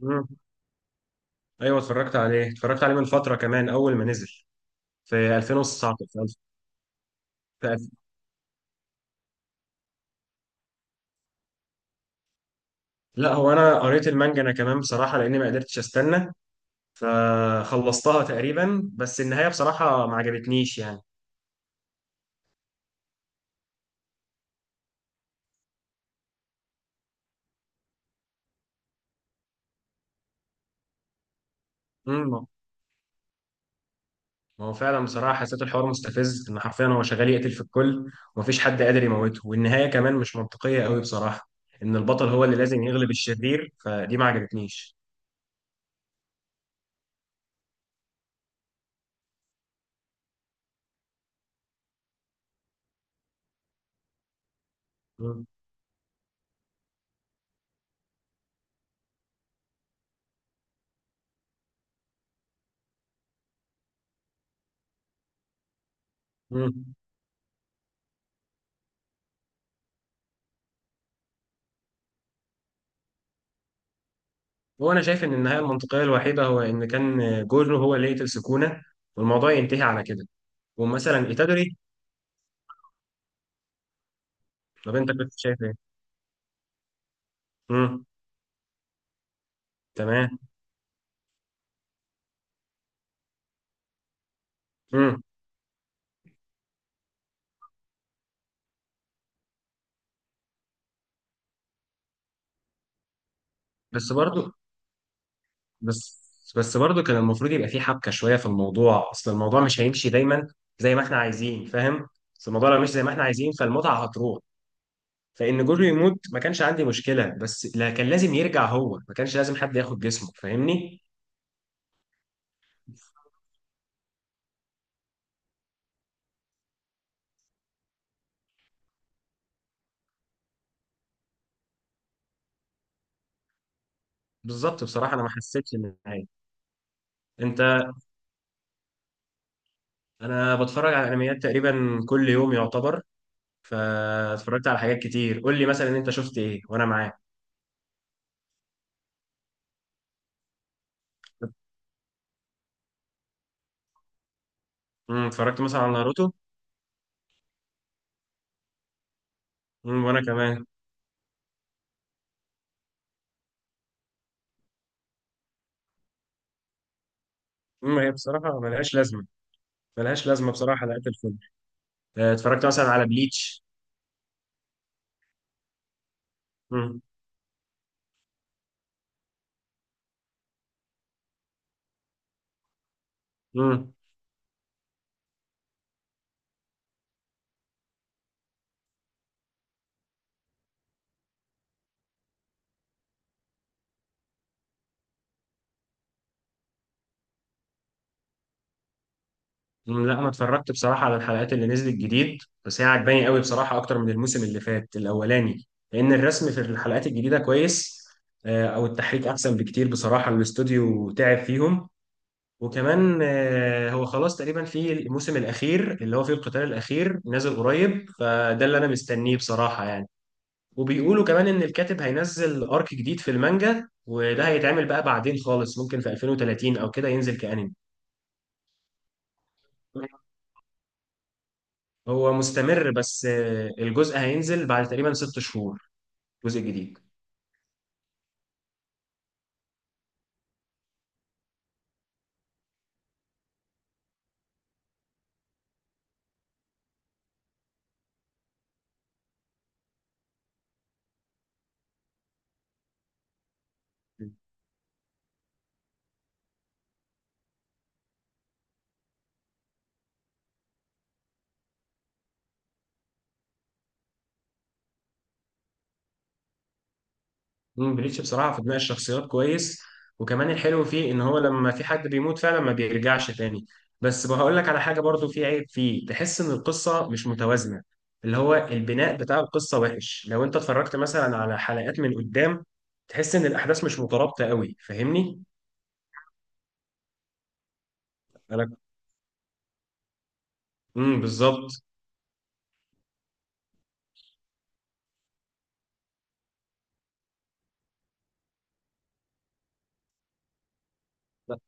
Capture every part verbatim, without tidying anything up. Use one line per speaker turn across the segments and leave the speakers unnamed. مم. ايوه اتفرجت عليه اتفرجت عليه من فتره، كمان اول ما نزل في ألفين وتسعة عشر. في ألف- في ألف- لا، هو انا قريت المانجا انا كمان بصراحه، لاني ما قدرتش استنى، فخلصتها تقريبا. بس النهايه بصراحه ما عجبتنيش يعني. امم ما هو فعلا بصراحه حسيت الحوار مستفز، ان حرفيا هو شغال يقتل في الكل ومفيش حد قادر يموته. والنهايه كمان مش منطقيه قوي بصراحه، ان البطل هو اللي لازم يغلب الشرير. فدي ما عجبتنيش. مم. مم. هو انا شايف ان النهايه المنطقيه الوحيده هو ان كان جورو هو اللي يقتل سكونه والموضوع ينتهي على كده. ومثلا ايتادوري. طب انت كنت شايف ايه؟ امم. تمام. امم. بس برضو. بس بس برضو كان المفروض يبقى في حبكه شويه في الموضوع، اصل الموضوع مش هيمشي دايما زي ما احنا عايزين، فاهم؟ بس الموضوع لو مش زي ما احنا عايزين، فالمتعه هتروح. فان جورو يموت ما كانش عندي مشكله، بس لا، كان لازم يرجع، هو ما كانش لازم حد ياخد جسمه، فاهمني؟ بالظبط بصراحه، انا ما حسيتش ان النهايه. انت انا بتفرج على انميات تقريبا كل يوم يعتبر. فاتفرجت على حاجات كتير. قول لي مثلا انت شفت ايه وانا معاك. امم اتفرجت مثلا على ناروتو. امم وانا كمان. امم هي بصراحه ملهاش لازمه. ملهاش لازمه بصراحه حلقات الفيلم. آه، اتفرجت مثلا على بليتش. امم. امم. أمم، لا، انا اتفرجت بصراحه على الحلقات اللي نزلت جديد. بس هي عجباني قوي بصراحه، اكتر من الموسم اللي فات الاولاني. لان الرسم في الحلقات الجديده كويس. آه، او التحريك احسن بكتير بصراحه، الاستوديو تعب فيهم. وكمان آه، هو خلاص تقريبا في الموسم الاخير اللي هو فيه القتال الاخير نازل قريب، فده اللي انا مستنيه بصراحه يعني. وبيقولوا كمان ان الكاتب هينزل ارك جديد في المانجا، وده هيتعمل بقى بعدين خالص، ممكن في ألفين وثلاثين او كده ينزل كأنمي. هو مستمر، بس آه، الجزء هينزل بعد تقريبا ست شهور. جزء جديد. مم، بليتش بصراحة في بناء الشخصيات كويس. وكمان الحلو فيه ان هو لما في حد بيموت فعلا ما بيرجعش تاني. بس بقول لك على حاجة، برضو في عيب فيه، تحس ان القصة مش متوازنة. اللي هو البناء بتاع القصة وحش. لو انت اتفرجت مثلا على حلقات من قدام، تحس ان الاحداث مش مترابطة قوي، فاهمني. انا امم بالظبط. لا.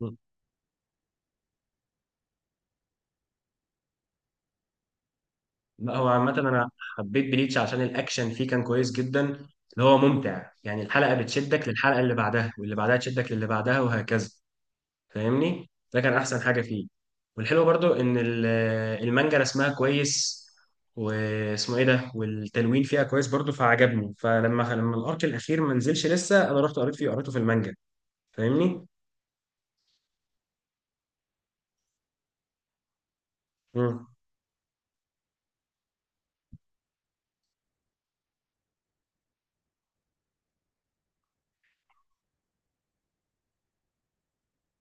مم. لا، هو عامة انا حبيت بليتش عشان الاكشن فيه كان كويس جدا، اللي هو ممتع يعني. الحلقة بتشدك للحلقة اللي بعدها، واللي بعدها تشدك للي بعدها، وهكذا. فاهمني، ده كان احسن حاجه فيه. والحلو برضو ان ال- المانجا رسمها كويس، واسمه ايه ده، والتلوين فيها كويس برضو، فعجبني. فلما لما الارك الاخير ما نزلش لسه، انا رحت قريت فيه، قريته في المانجا، فاهمني. مم.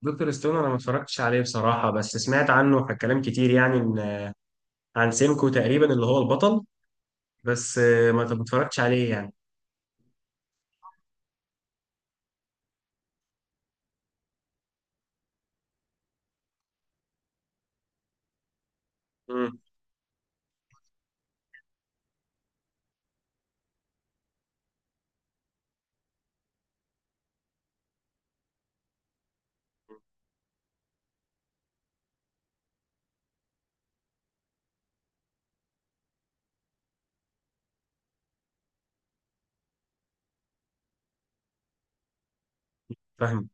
دكتور ستون انا ما اتفرجتش عليه بصراحه، بس سمعت عنه ح- كلام كتير يعني، إن- عن سينكو تقريبا اللي هو البطل. بس آه، ما ما اتفرجتش عليه يعني. مم. فاهم.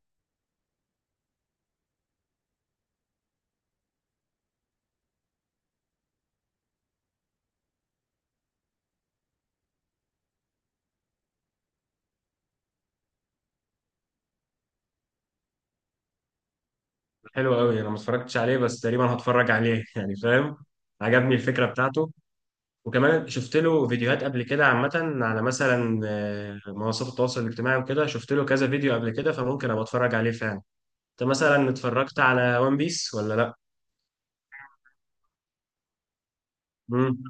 حلو قوي، انا ما اتفرجتش عليه، بس تقريبا هتفرج عليه يعني، فاهم. عجبني الفكره بتاعته. وكمان شفت له فيديوهات قبل كده عامة، على مثلا آه، منصات التواصل الاجتماعي وكده، شفت له كذا فيديو قبل كده، فممكن ابقى اتفرج عليه فعلا. انت مثلا اتفرجت على ون بيس ولا لا؟ مم.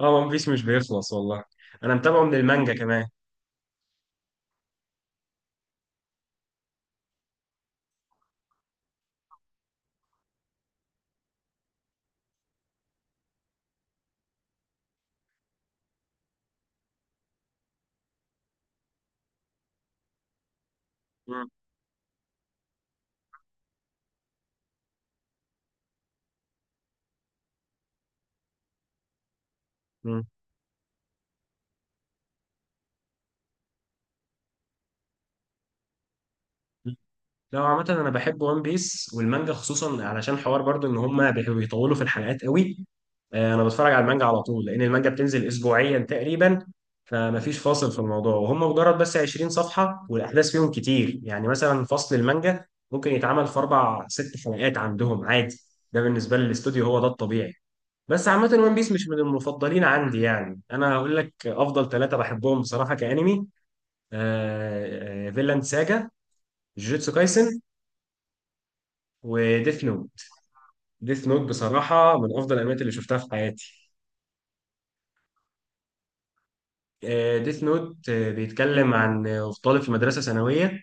اه، ون بيس مش بيخلص والله. انا متابعه من المانجا كمان. مم. مم. لا عامة، أنا بحب ون بيس والمانجا خصوصا، علشان حوار برضو إن هما بي- بيطولوا في الحلقات قوي. آه، أنا بتفرج على المانجا على طول، لأن المانجا بتنزل أسبوعيا تقريبا. فمفيش فاصل في الموضوع، وهم مجرد بس عشرين صفحة والأحداث فيهم كتير. يعني مثلا فصل المانجا ممكن يتعمل في أربع ست حلقات عندهم عادي. ده بالنسبة للاستوديو هو ده الطبيعي. بس عامة ون بيس مش من المفضلين عندي. يعني أنا هقول لك أفضل ثلاثة بحبهم بصراحة كأنمي. آه، آه، فيلاند ساجا، جوجوتسو كايسن، وديث نوت. ديث نوت بصراحة من أفضل الأنميات اللي شفتها في حياتي. آه، ديث نوت آه، بيتكلم عن آه، طالب في مدرسة ثانوية.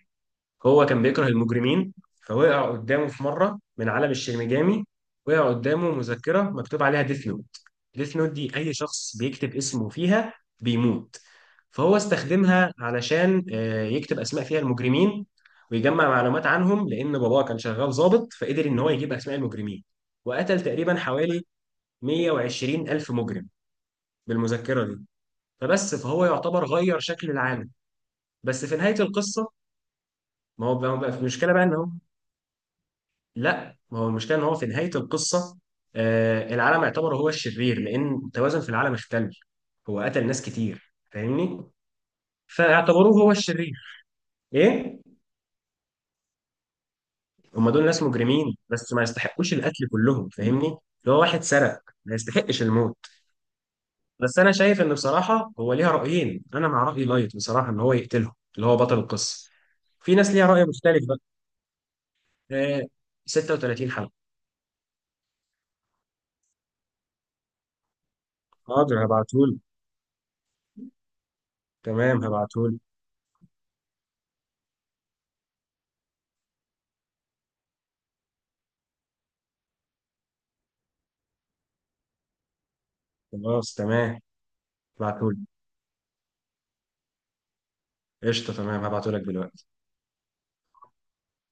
هو كان بيكره المجرمين. فوقع قدامه في مرة من عالم الشينيجامي، وقع قدامه مذكرة مكتوب عليها ديث نوت. ديث نوت دي، أي شخص بيكتب اسمه فيها بيموت. فهو استخدمها علشان آه، يكتب أسماء فيها المجرمين، ويجمع معلومات عنهم، لأن باباه كان شغال ضابط، فقدر إن هو يجيب أسماء المجرمين. وقتل تقريبا حوالي مية وعشرين ألف مجرم بالمذكرة دي. فبس، فهو يعتبر غير شكل العالم. بس في نهاية القصة، ما هو بقى بقى في مشكلة بقى إن هو. لا، ما هو المشكلة إن هو في نهاية القصة، آه العالم يعتبر هو الشرير، لأن التوازن في العالم اختل. هو قتل ناس كتير، فاهمني. فاعتبروه هو الشرير. إيه. هم دول ناس مجرمين، بس ما يستحقوش القتل كلهم، فاهمني. اللي هو واحد سرق ما يستحقش الموت. بس انا شايف ان بصراحه هو ليها رايين، انا مع راي لايت بصراحه، ان هو يقتله اللي هو بطل القصه. في ناس ليها راي مختلف بقى. آه ست وثلاثين حلقه. حاضر، هبعتهولي. تمام، هبعتهولي. خلاص، تمام، هبعتهولي. قشطه، تمام، هبعتهولك دلوقتي.